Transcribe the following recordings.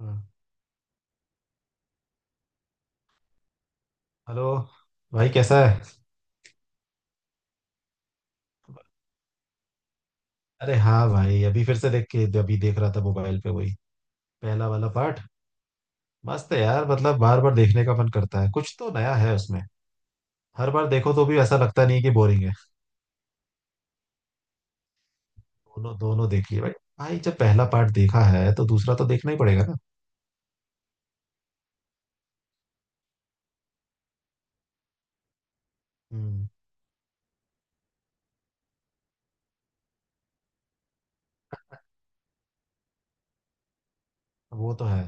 हाँ। हेलो। भाई कैसा है? अरे हाँ भाई, अभी फिर से देख के, अभी देख रहा था मोबाइल पे, वही पहला वाला पार्ट। मस्त है यार, मतलब बार बार देखने का मन करता है, कुछ तो नया है उसमें। हर बार देखो तो भी ऐसा लगता नहीं है कि बोरिंग है। दोनों दोनों देखिए भाई। भाई जब पहला पार्ट देखा है तो दूसरा तो देखना ही पड़ेगा ना। हम्म। वो तो है।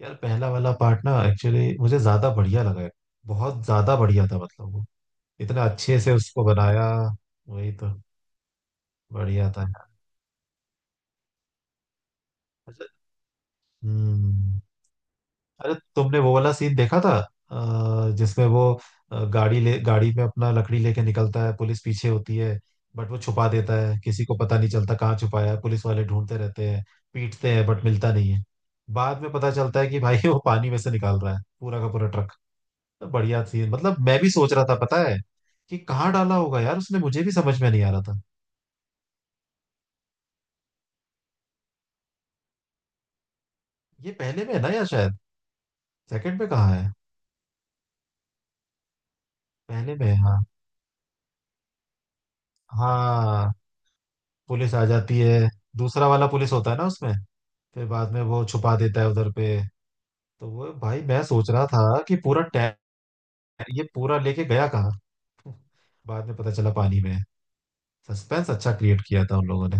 यार पहला वाला पार्ट ना एक्चुअली मुझे ज्यादा बढ़िया लगा है। बहुत ज्यादा बढ़िया था, मतलब वो इतना अच्छे से उसको बनाया। वही तो। बढ़िया था यार। अच्छा, हम्म। अरे तुमने वो वाला सीन देखा था, जिसमें वो गाड़ी ले, गाड़ी में अपना लकड़ी लेके निकलता है, पुलिस पीछे होती है। बट वो छुपा देता है, किसी को पता नहीं चलता कहाँ छुपाया है। पुलिस वाले ढूंढते रहते हैं, पीटते हैं बट मिलता नहीं है। बाद में पता चलता है कि भाई वो पानी में से निकाल रहा है पूरा का पूरा ट्रक। तो बढ़िया सीन, मतलब मैं भी सोच रहा था, पता है, कि कहाँ डाला होगा यार उसने, मुझे भी समझ में नहीं आ रहा था। ये पहले में है ना, या शायद सेकंड में? कहाँ है? पहले में है, हाँ। हाँ, पुलिस आ जाती है। दूसरा वाला पुलिस होता है ना उसमें। फिर बाद में वो छुपा देता है उधर पे। तो वो भाई मैं सोच रहा था कि पूरा टै, ये पूरा लेके गया कहाँ? बाद में पता चला, पानी में। सस्पेंस अच्छा क्रिएट किया था उन लोगों ने।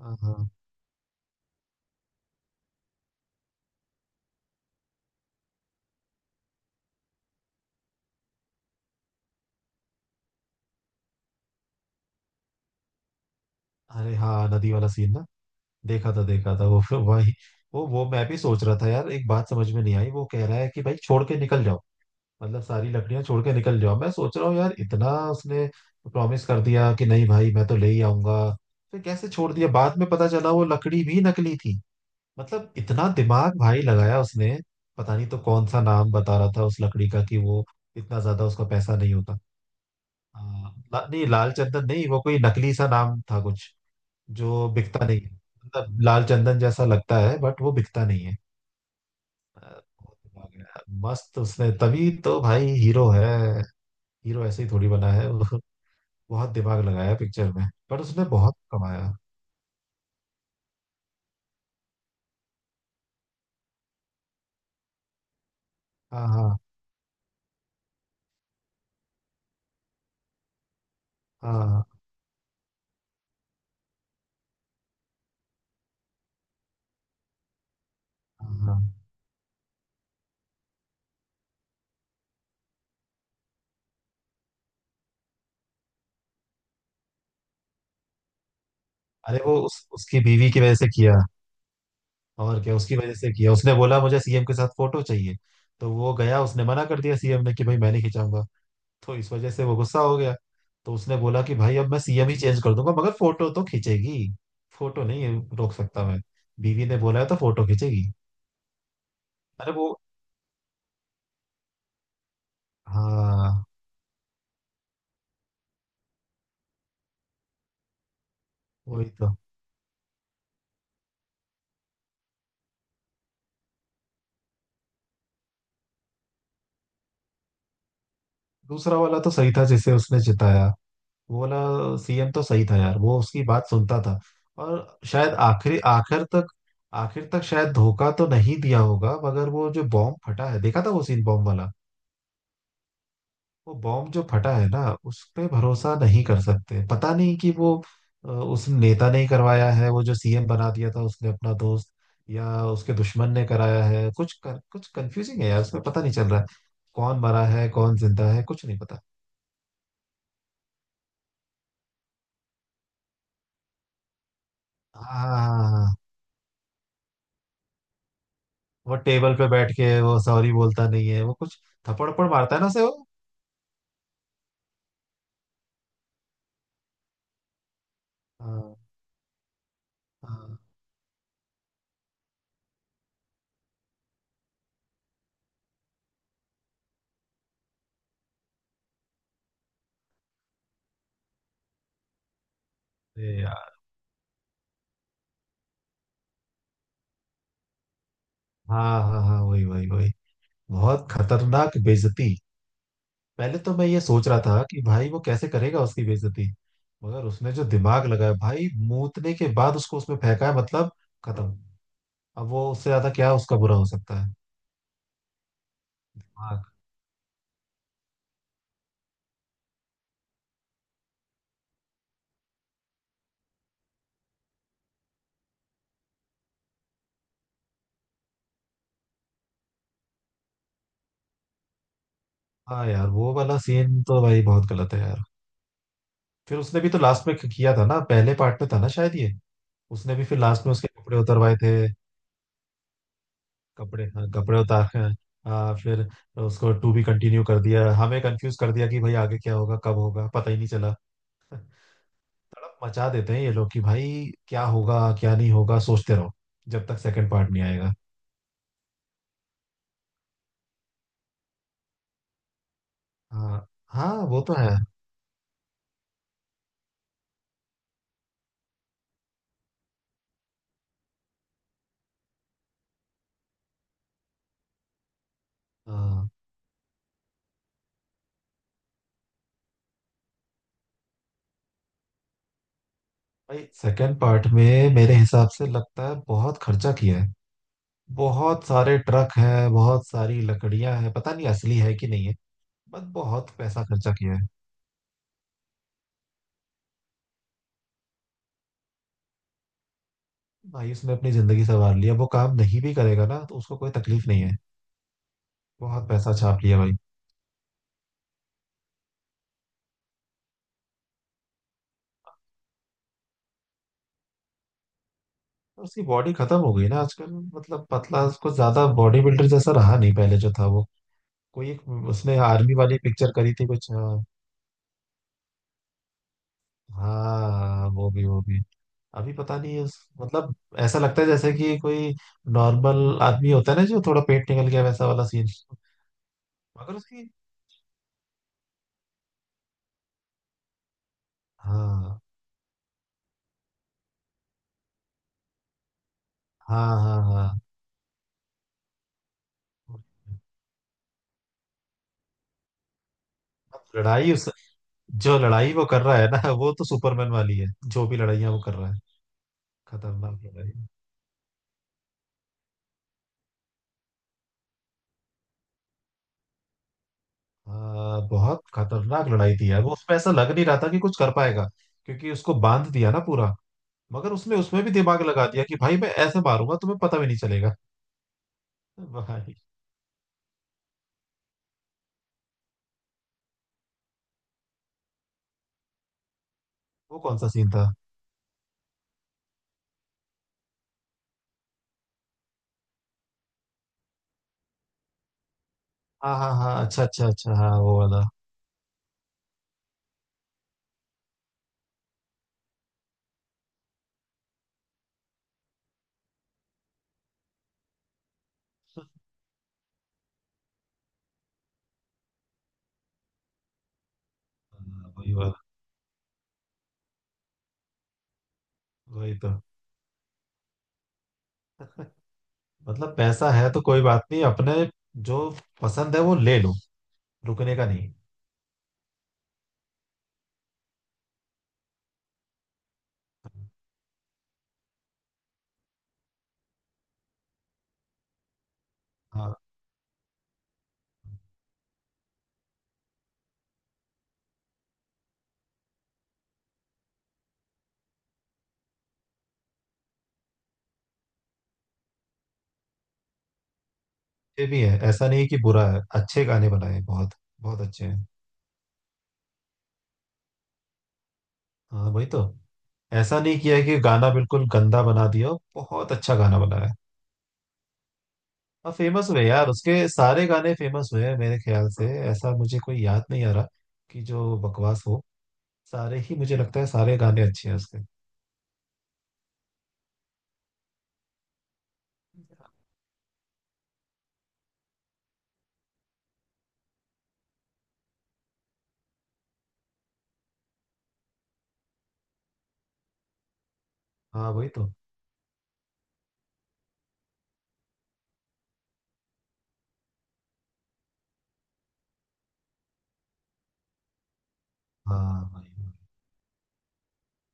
हाँ हाँ। अरे हाँ, नदी वाला सीन ना, देखा था वो फिर वही। वो मैं भी सोच रहा था यार, एक बात समझ में नहीं आई, वो कह रहा है कि भाई छोड़ के निकल जाओ, मतलब सारी लकड़ियां छोड़ के निकल जाओ। मैं सोच रहा हूँ यार, इतना उसने प्रॉमिस कर दिया कि नहीं भाई मैं तो ले ही आऊंगा, फिर कैसे छोड़ दिया? बाद में पता चला वो लकड़ी भी नकली थी। मतलब इतना दिमाग भाई लगाया उसने। पता नहीं तो कौन सा नाम बता रहा था उस लकड़ी का, कि वो इतना ज्यादा उसका पैसा नहीं होता। हाँ, ला, नहीं लाल चंदन नहीं, वो कोई नकली सा नाम था कुछ, जो बिकता नहीं है। मतलब लाल चंदन जैसा लगता है बट वो बिकता नहीं है। अ, बहुत दिमाग है। मस्त, उसने तभी तो भाई हीरो है। हीरो ऐसे ही थोड़ी बना है वो। बहुत दिमाग लगाया पिक्चर में, पर उसने बहुत कमाया। हाँ हाँ हाँ हाँ हाँ। अरे वो उसकी बीवी की वजह से किया। और क्या, उसकी वजह से किया, उसने बोला मुझे सीएम के साथ फोटो चाहिए। तो वो गया, उसने मना कर दिया सीएम ने कि भाई मैं नहीं खिंचाऊंगा। तो इस वजह से वो गुस्सा हो गया। तो उसने बोला कि भाई अब मैं सीएम ही चेंज कर दूंगा, मगर फोटो तो खींचेगी। फोटो नहीं रोक सकता मैं। बीवी ने बोला है तो फोटो खींचेगी। अरे वो, हाँ, वही तो। दूसरा वाला तो सही था, जिसे उसने जिताया। वो वाला सीएम तो सही था यार, वो उसकी बात सुनता था। और शायद आखिरी, आखिर तक, आखिर तक शायद धोखा तो नहीं दिया होगा, मगर वो जो बॉम्ब फटा है, देखा था वो सीन, बॉम्ब वाला। वो बॉम्ब जो फटा है ना, उस पे भरोसा नहीं कर सकते। पता नहीं कि वो उस नेता ने ही करवाया है, वो जो सीएम बना दिया था उसने अपना दोस्त, या उसके दुश्मन ने कराया है। कुछ कंफ्यूजिंग है यार उसमें, पता नहीं चल रहा है कौन मरा है, कौन जिंदा है, कुछ नहीं पता। हाँ, हाँ, हाँ, हाँ। वो टेबल पे बैठ के वो सॉरी बोलता नहीं है, वो कुछ थप्पड़ थप्पड़ मारता है ना उसे वो। हाँ हाँ। अरे यार। हाँ हाँ हाँ, वही वही वही। बहुत खतरनाक बेइज्जती। पहले तो मैं ये सोच रहा था कि भाई वो कैसे करेगा उसकी बेइज्जती, मगर उसने जो दिमाग लगाया भाई, मूतने के बाद उसको उसमें फेंका है, मतलब खत्म। अब वो उससे ज्यादा क्या उसका बुरा हो सकता है? हाँ हाँ यार, वो वाला सीन तो भाई बहुत गलत है यार। फिर उसने भी तो लास्ट में किया था ना, पहले पार्ट में था ना शायद ये। उसने भी फिर लास्ट में उसके कपड़े उतरवाए थे। कपड़े, हाँ, कपड़े उतार के। हाँ फिर उसको टू भी कंटिन्यू कर दिया, हमें कंफ्यूज कर दिया कि भाई आगे क्या होगा, कब होगा, पता ही नहीं चला। तड़प मचा देते हैं ये लोग कि भाई क्या होगा क्या नहीं होगा, सोचते रहो, जब तक सेकंड पार्ट नहीं आएगा। हाँ। हाँ वो तो है। हाँ भाई, सेकंड पार्ट में मेरे हिसाब से लगता है बहुत खर्चा किया है। बहुत सारे ट्रक हैं, बहुत सारी लकड़ियां हैं, पता नहीं असली है कि नहीं है। बस बहुत पैसा खर्चा किया है। भाई उसने अपनी जिंदगी संवार लिया, वो काम नहीं भी करेगा ना तो उसको कोई तकलीफ नहीं है। बहुत पैसा छाप लिया भाई। और उसकी बॉडी खत्म हो गई ना आजकल। मतलब पतला, उसको ज्यादा बॉडी बिल्डर जैसा रहा नहीं, पहले जो था वो। कोई एक उसने आर्मी वाली पिक्चर करी थी कुछ, हाँ। हाँ, वो भी वो भी। अभी पता नहीं है उस, मतलब, ऐसा लगता है जैसे कि कोई नॉर्मल आदमी होता है ना, जो थोड़ा पेट निकल गया, वैसा वाला सीन। मगर उसकी, हाँ हाँ हाँ हाँ, लड़ाई उस, जो लड़ाई वो कर रहा है ना, वो तो सुपरमैन वाली है। जो भी लड़ाइयाँ वो कर रहा है। खतरनाक लड़ाई। बहुत खतरनाक लड़ाई थी यार वो, उसमें ऐसा लग नहीं रहा था कि कुछ कर पाएगा। क्योंकि उसको बांध दिया ना पूरा, मगर उसने उसमें भी दिमाग लगा दिया कि भाई मैं ऐसे मारूंगा तुम्हें पता भी नहीं चलेगा। भाई वो कौन सा सीन था? हाँ हाँ हाँ, अच्छा अच्छा अच्छा, हाँ वो वाला। हाँ, वही वाला। वही तो। मतलब पैसा है तो कोई बात नहीं, अपने जो पसंद है वो ले लो। रुकने का नहीं। हाँ ये भी है, ऐसा नहीं कि बुरा है, अच्छे गाने बनाए बहुत। बहुत अच्छे हैं। हाँ वही तो। ऐसा नहीं किया है कि गाना बिल्कुल गंदा बना दिया हो, बहुत अच्छा गाना बनाया है। और फेमस हुए यार, उसके सारे गाने फेमस हुए हैं मेरे ख्याल से, ऐसा मुझे कोई याद नहीं आ रहा कि जो बकवास हो। सारे ही, मुझे लगता है सारे गाने अच्छे हैं उसके। हाँ वही तो। हाँ भाई।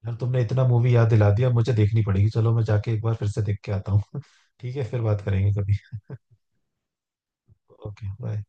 यार तुमने इतना मूवी याद दिला दिया, मुझे देखनी पड़ेगी, चलो मैं जाके एक बार फिर से देख के आता हूँ ठीक है, फिर बात करेंगे कभी। Okay bye.